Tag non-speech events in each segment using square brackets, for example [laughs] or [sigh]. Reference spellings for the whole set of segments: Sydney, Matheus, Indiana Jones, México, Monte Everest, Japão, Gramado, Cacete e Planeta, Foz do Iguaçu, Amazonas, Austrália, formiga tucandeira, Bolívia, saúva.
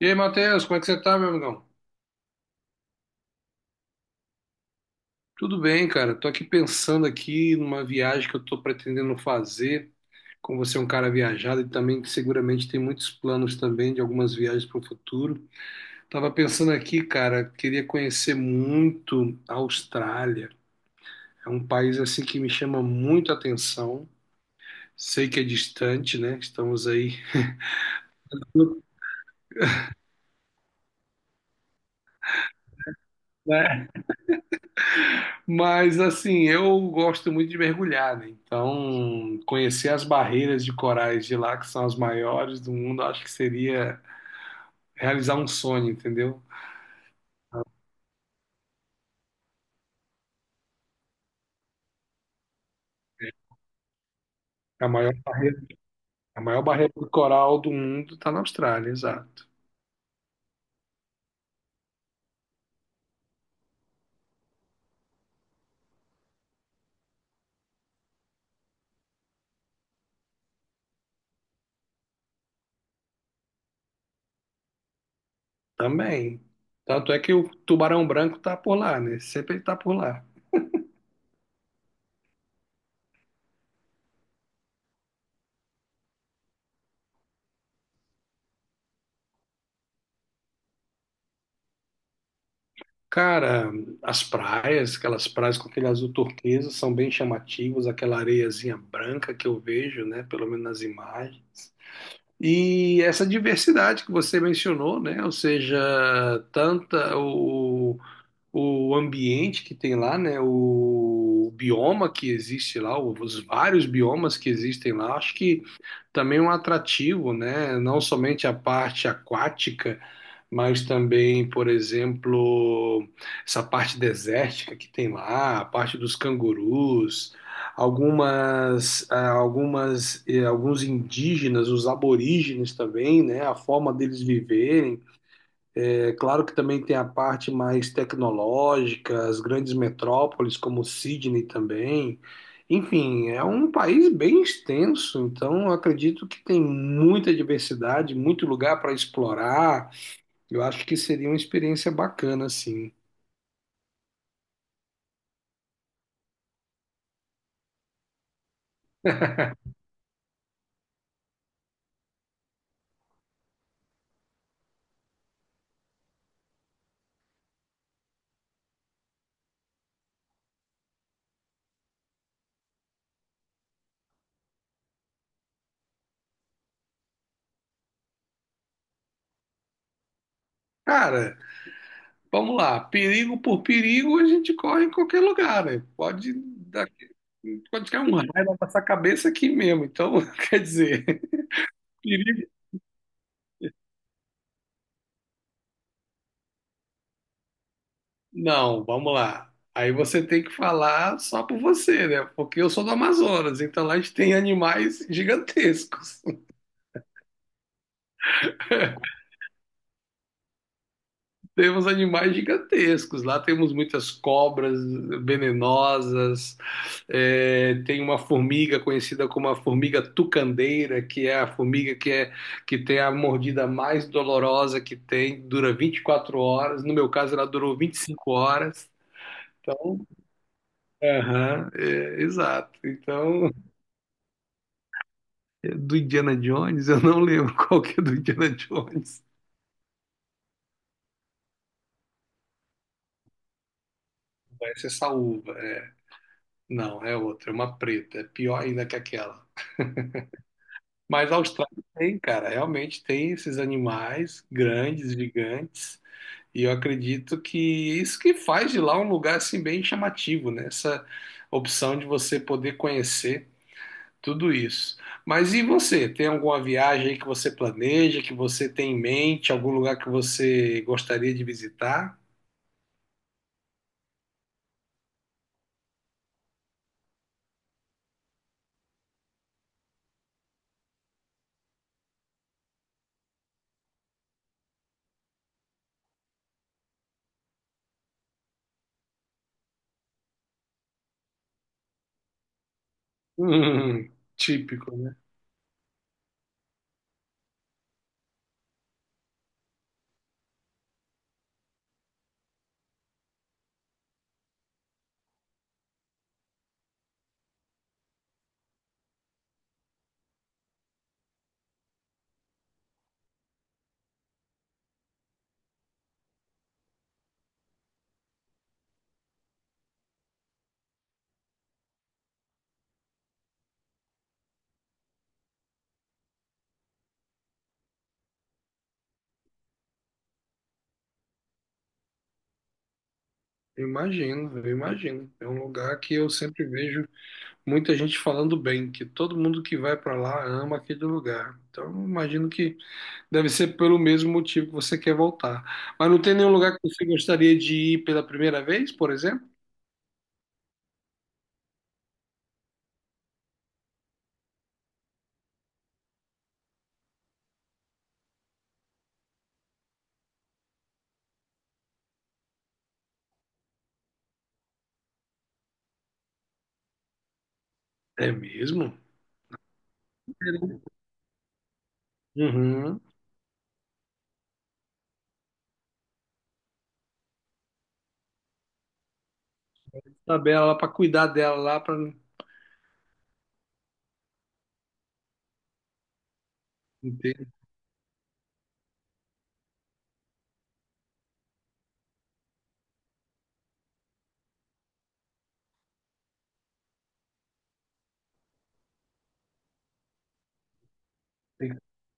E aí, Matheus, como é que você tá, meu amigão? Tudo bem, cara. Tô aqui pensando aqui numa viagem que eu tô pretendendo fazer. Como você é um cara viajado e também que seguramente tem muitos planos também de algumas viagens para o futuro. Tava pensando aqui, cara, queria conhecer muito a Austrália. É um país assim que me chama muito a atenção. Sei que é distante, né? Estamos aí. Mas assim, eu gosto muito de mergulhar, né? Então, conhecer as barreiras de corais de lá, que são as maiores do mundo, acho que seria realizar um sonho, entendeu? É A maior barreira, a maior barreira do coral do mundo está na Austrália, exato. Também. Tanto é que o tubarão branco está por lá, né? Sempre ele está por lá. Cara, as praias, aquelas praias com aquele azul turquesa, são bem chamativas, aquela areiazinha branca que eu vejo, né? Pelo menos nas imagens. E essa diversidade que você mencionou, né? Ou seja, tanta o, o ambiente que tem lá, né? O bioma que existe lá, os vários biomas que existem lá, acho que também é um atrativo, né? Não somente a parte aquática, mas também, por exemplo, essa parte desértica que tem lá, a parte dos cangurus, algumas, ah, algumas, eh, alguns indígenas, os aborígenes também, né? A forma deles viverem. É claro que também tem a parte mais tecnológica, as grandes metrópoles como Sydney também. Enfim, é um país bem extenso, então eu acredito que tem muita diversidade, muito lugar para explorar. Eu acho que seria uma experiência bacana, assim. Cara, vamos lá, perigo por perigo a gente corre em qualquer lugar, né? Dar, Pode cair um raio na nossa cabeça aqui mesmo, então [laughs] quer dizer, perigo Não, vamos lá. Aí você tem que falar só por você, né? Porque eu sou do Amazonas, então lá a gente tem animais gigantescos. [laughs] Temos animais gigantescos. Lá temos muitas cobras venenosas, é, tem uma formiga conhecida como a formiga tucandeira, que é a formiga que tem a mordida mais dolorosa que tem, dura 24 horas. No meu caso, ela durou 25 horas. Então, aham, é, exato. Então, do Indiana Jones, eu não lembro [laughs] qual que é do Indiana Jones. Essa é saúva, é. Não, é outra, é uma preta, é pior ainda que aquela. Mas a Austrália tem, cara, realmente tem esses animais grandes, gigantes, e eu acredito que isso que faz de lá um lugar assim bem chamativo, né? Essa opção de você poder conhecer tudo isso. Mas e você? Tem alguma viagem aí que você planeja, que você tem em mente, algum lugar que você gostaria de visitar? [laughs] Típico, né? Eu imagino, eu imagino. É um lugar que eu sempre vejo muita gente falando bem, que todo mundo que vai pra lá ama aquele lugar. Então, eu imagino que deve ser pelo mesmo motivo que você quer voltar. Mas não tem nenhum lugar que você gostaria de ir pela primeira vez, por exemplo? É mesmo? Uhum. Tabela lá para cuidar dela lá para tem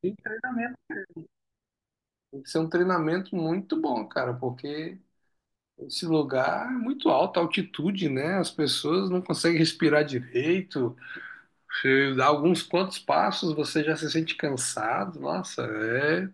tem que ter treinamento. Tem que ser um treinamento muito bom, cara, porque esse lugar é muito alto, a altitude, né? As pessoas não conseguem respirar direito. Você dá alguns quantos passos, você já se sente cansado. Nossa, é.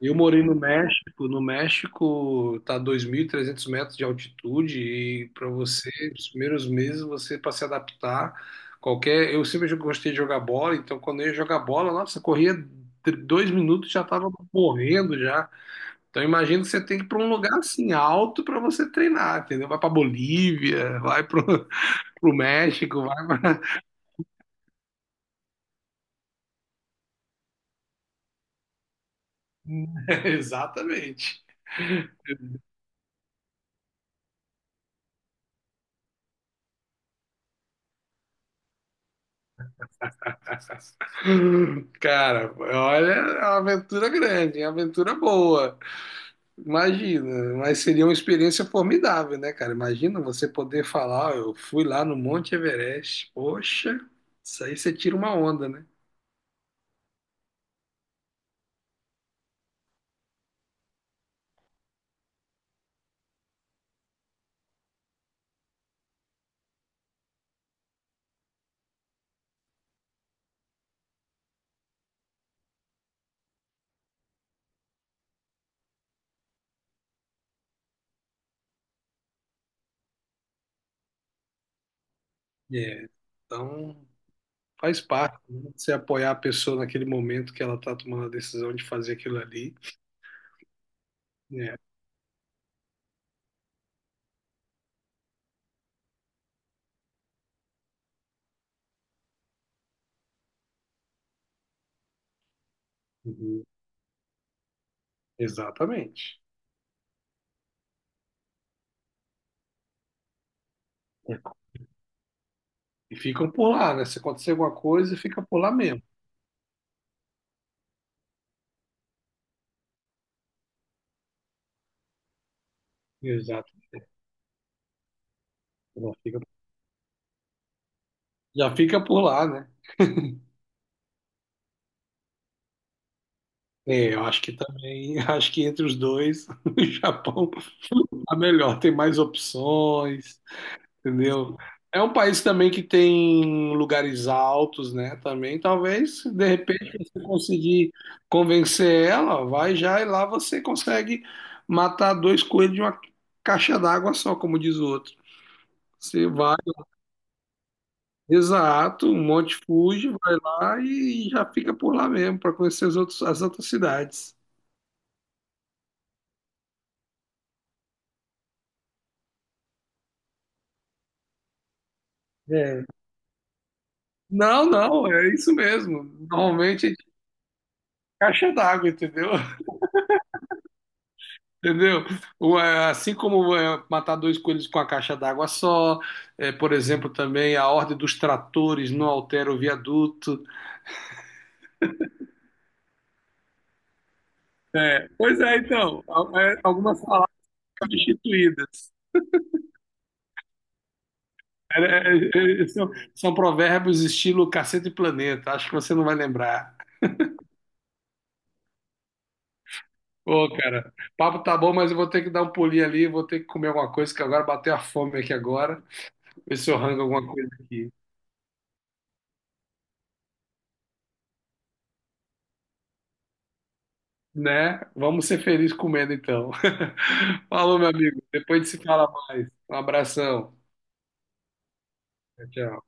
Eu morei no México. No México tá 2.300 metros de altitude e para você, nos primeiros meses, você para se adaptar, qualquer. Eu sempre gostei de jogar bola, então quando eu ia jogar bola, nossa, corria 2 minutos já estava morrendo já. Então imagino que você tem que ir para um lugar assim alto para você treinar, entendeu? Vai para Bolívia, vai para o [laughs] México, vai para... [laughs] Exatamente. Cara, olha, é uma aventura grande, é uma aventura boa. Imagina, mas seria uma experiência formidável, né, cara? Imagina você poder falar, "Ó, eu fui lá no Monte Everest. Poxa, isso aí você tira uma onda, né? É. Então, faz parte, né? Você apoiar a pessoa naquele momento que ela está tomando a decisão de fazer aquilo ali. Né? Uhum. Exatamente. É. E ficam por lá, né? Se acontecer alguma coisa, fica por lá mesmo. Exato. Já fica, Já fica por lá, né? É, eu acho que também, [laughs] acho que entre os dois, [laughs] o Japão tá melhor, tem mais opções. Entendeu? É um país também que tem lugares altos, né? Também, talvez, de repente, você conseguir convencer ela, vai já e lá você consegue matar dois coelhos de uma caixa d'água só, como diz o outro. Você vai, exato, um monte fuge, vai lá e já fica por lá mesmo, para conhecer as outras cidades. É. Não, não, é isso mesmo. Normalmente é de caixa d'água, entendeu? Entendeu? Assim como é, matar dois coelhos com a caixa d'água só, é, por exemplo, também a ordem dos tratores não altera o viaduto. É, pois é, então, al- é, algumas palavras substituídas. É, é, é, são, são provérbios estilo Cacete e Planeta, acho que você não vai lembrar. Ô, cara, papo tá bom, mas eu vou ter que dar um pulinho ali, vou ter que comer alguma coisa, que agora bateu a fome aqui agora. Ver se eu rango alguma coisa aqui. Né? Vamos ser felizes comendo então. [laughs] Falou, meu amigo. Depois a gente se fala mais. Um abração. Tchau, tchau.